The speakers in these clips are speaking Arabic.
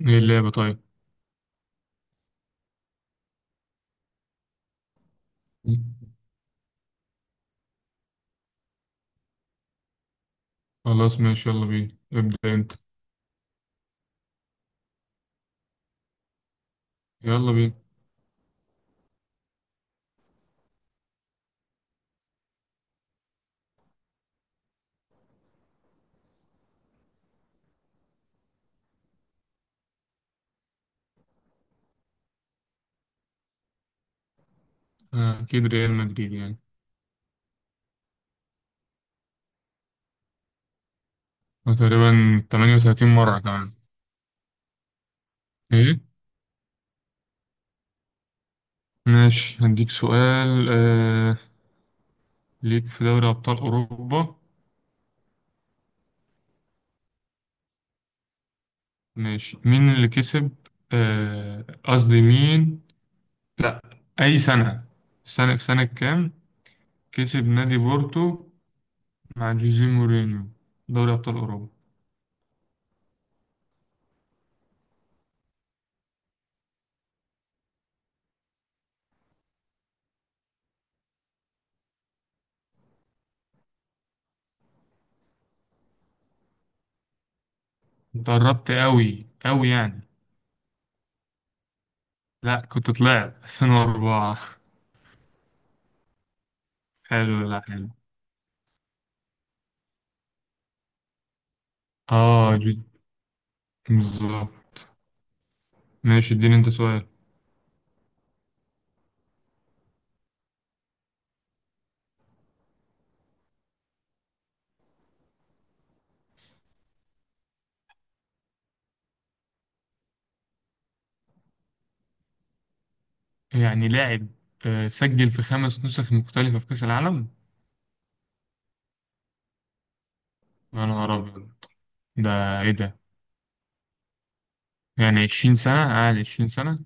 ايه اللعبة؟ طيب خلاص، ماشي، يلا بينا، ابدأ انت يلا بينا. اكيد ريال مدريد يعني تقريبا 38 مرة كمان. ايه ماشي، هديك سؤال. ليك في دوري ابطال اوروبا، ماشي، مين اللي كسب؟ قصدي مين، لا، اي سنة، سنة، في سنة كام كسب نادي بورتو مع جوزيه مورينيو دوري ابطال اوروبا؟ انت قربت قوي قوي يعني. لا، كنت طلعت 2004. حلو، لا حلو. اه جد، بالظبط. ماشي اديني انت سؤال. يعني لاعب سجل في خمس نسخ مختلفة في كأس العالم؟ يا نهار أبيض، ده إيه ده؟ يعني عشرين سنة قاعد، عشرين سنة.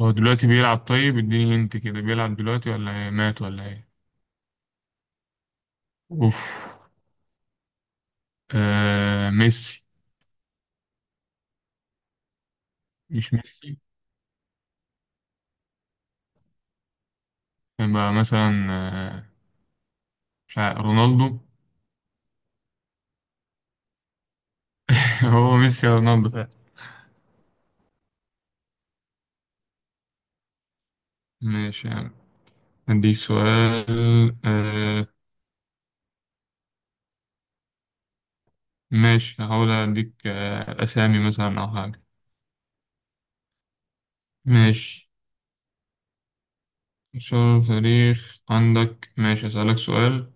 هو دلوقتي بيلعب؟ طيب اديني هنت كده، بيلعب دلوقتي ولا إيه؟ مات ولا إيه؟ أوف. آه ميسي. مش ميسي، يبقى مثلا مش عارف، رونالدو. هو ميسي يا رونالدو. ماشي يعني. عندي سؤال ماشي، هحاول أديك أسامي مثلا أو حاجة. ماشي، شهر تاريخ عندك، ماشي أسألك سؤال.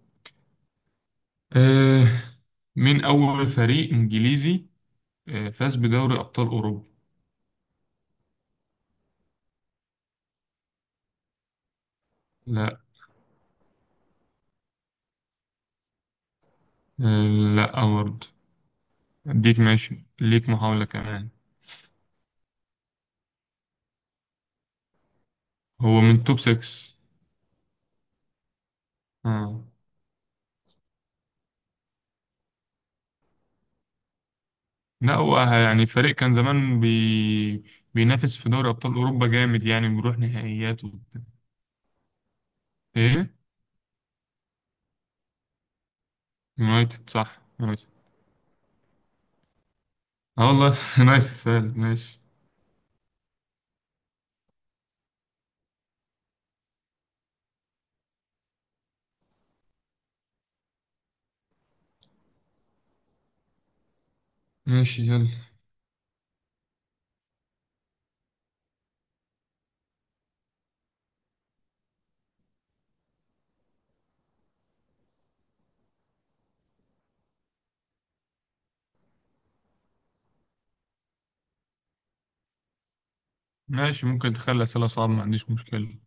أه، مين أول فريق إنجليزي فاز بدوري أبطال أوروبا؟ لا. أه لا برضه. أديك، ماشي ليك محاولة كمان. هو من توب 6. آه. لا هو يعني فريق كان زمان بينافس في دوري أبطال أوروبا جامد، يعني بيروح نهائيات وبتاع. إيه؟ يونايتد، صح يونايتد. اه والله، يونايتد فعلا، ماشي. ماشي يلا. ماشي، ممكن تخلي أسئلة صعبة ما عنديش مشكلة.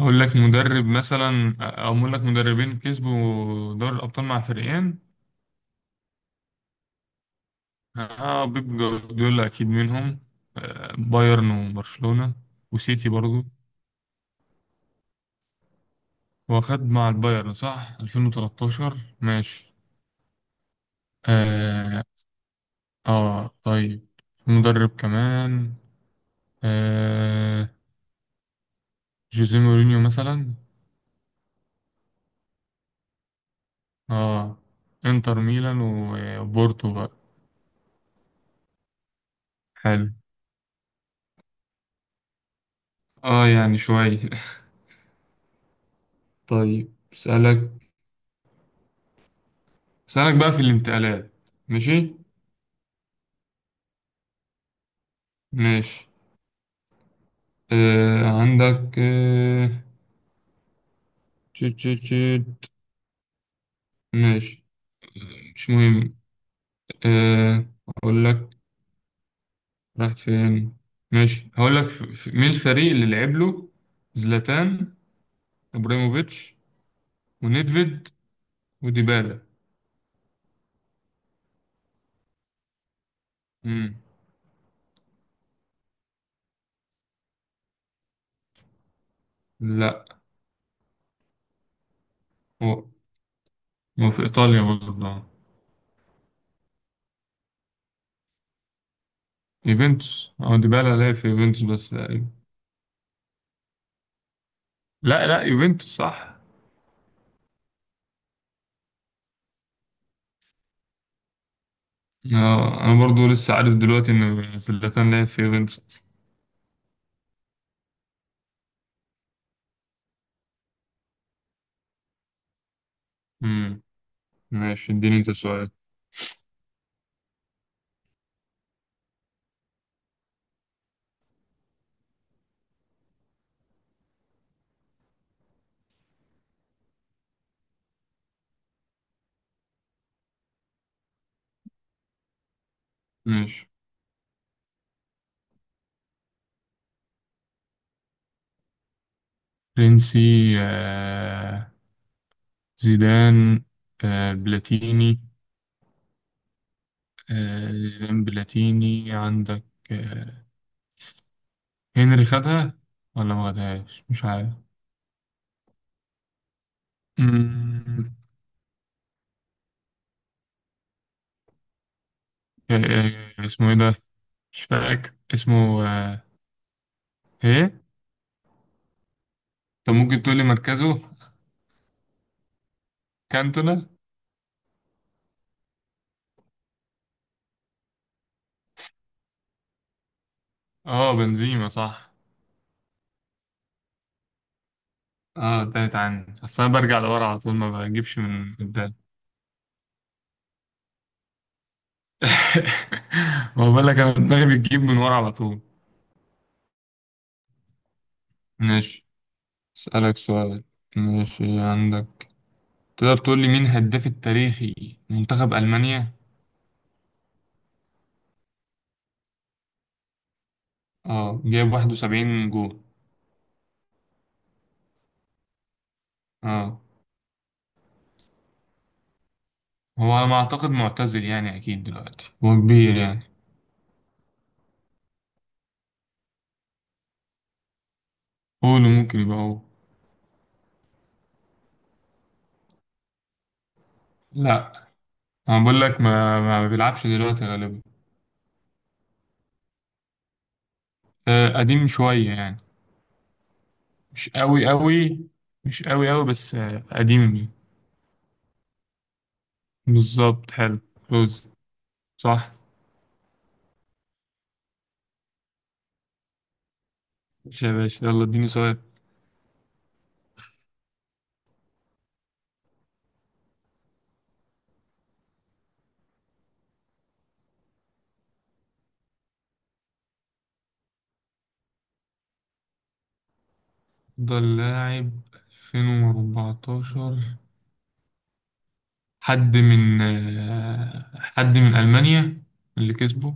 أقول لك مدرب مثلا أو أقول لك مدربين كسبوا دوري الأبطال مع فريقين. آه بيب جوارديولا أكيد منهم، آه بايرن وبرشلونة وسيتي برضو. هو خد مع البايرن صح 2013؟ ماشي. آه, آه طيب، مدرب كمان آه جوزيه مورينيو مثلا. اه، انتر ميلان وبورتو بقى. حلو. اه يعني شوية. طيب اسألك، اسألك بقى في الانتقالات. ماشي. ماشي، عندك تشيت تشيت تشيت، ماشي مش مهم. آه اقول لك، راحت فين؟ ماشي هقول لك مين الفريق اللي لعب له زلاتان ابراهيموفيتش، ونيدفيد، وديبالا؟ مم. لا، هو هو في ايطاليا برضه. يوفنتوس، أو ديبالا لعب في يوفنتوس بس تقريبا. لا لا يوفنتوس صح. آه، أنا برضو لسه عارف دلوقتي إن زلاتان لعب في يوفنتوس. مم. ماشي اديني أنت سؤال. ماشي. فرنسي؟ آه، زيدان، بلاتيني. زيدان بلاتيني عندك، آه، هنري خدها ولا ما خدهاش مش عارف. مم. اسمه ايه ده؟ مش فاكر اسمه ايه. طب ممكن تقول لي مركزه؟ كانتونا. اه بنزيما صح. اه تالت عني، اصل انا برجع لورا على طول، ما بجيبش من قدام. ما بقول لك انا دماغي بتجيب من ورا على طول. ماشي، اسالك سؤال. ماشي عندك، تقدر تقول لي مين هداف التاريخي منتخب المانيا؟ اه جايب 71 جول. اه، هو على ما اعتقد معتزل يعني، اكيد دلوقتي هو كبير يعني. قوله ممكن يبقى هو. لا، انا بقول لك ما بيلعبش دلوقتي غالبا. قديم شوية يعني، مش قوي قوي. مش قوي قوي بس قديم يعني. بالظبط، حلو. كلوز، صح. ماشي يا باشا، يلا اديني سؤال. افضل لاعب 2014؟ حد من حد من ألمانيا اللي كسبه؟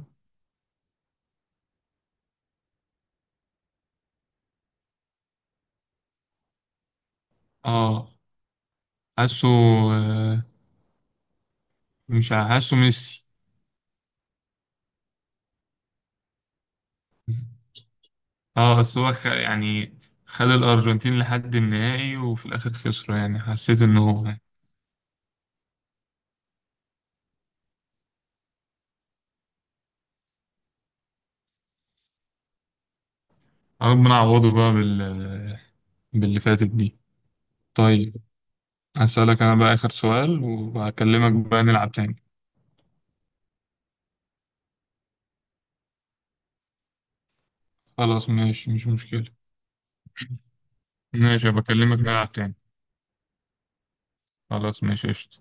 اه حاسه، آه، مش ع- حاسه ميسي. اه بس هو يعني خد الأرجنتين لحد النهائي وفي الآخر خسره، يعني حسيت إن هو يعني. ربنا عوضه بقى باللي فاتت دي. طيب أسألك أنا بقى آخر سؤال وهكلمك بقى نلعب تاني. خلاص ماشي، مش مشكلة. ماشي، بكلمك نلعب تاني. خلاص ماشي، قشطة.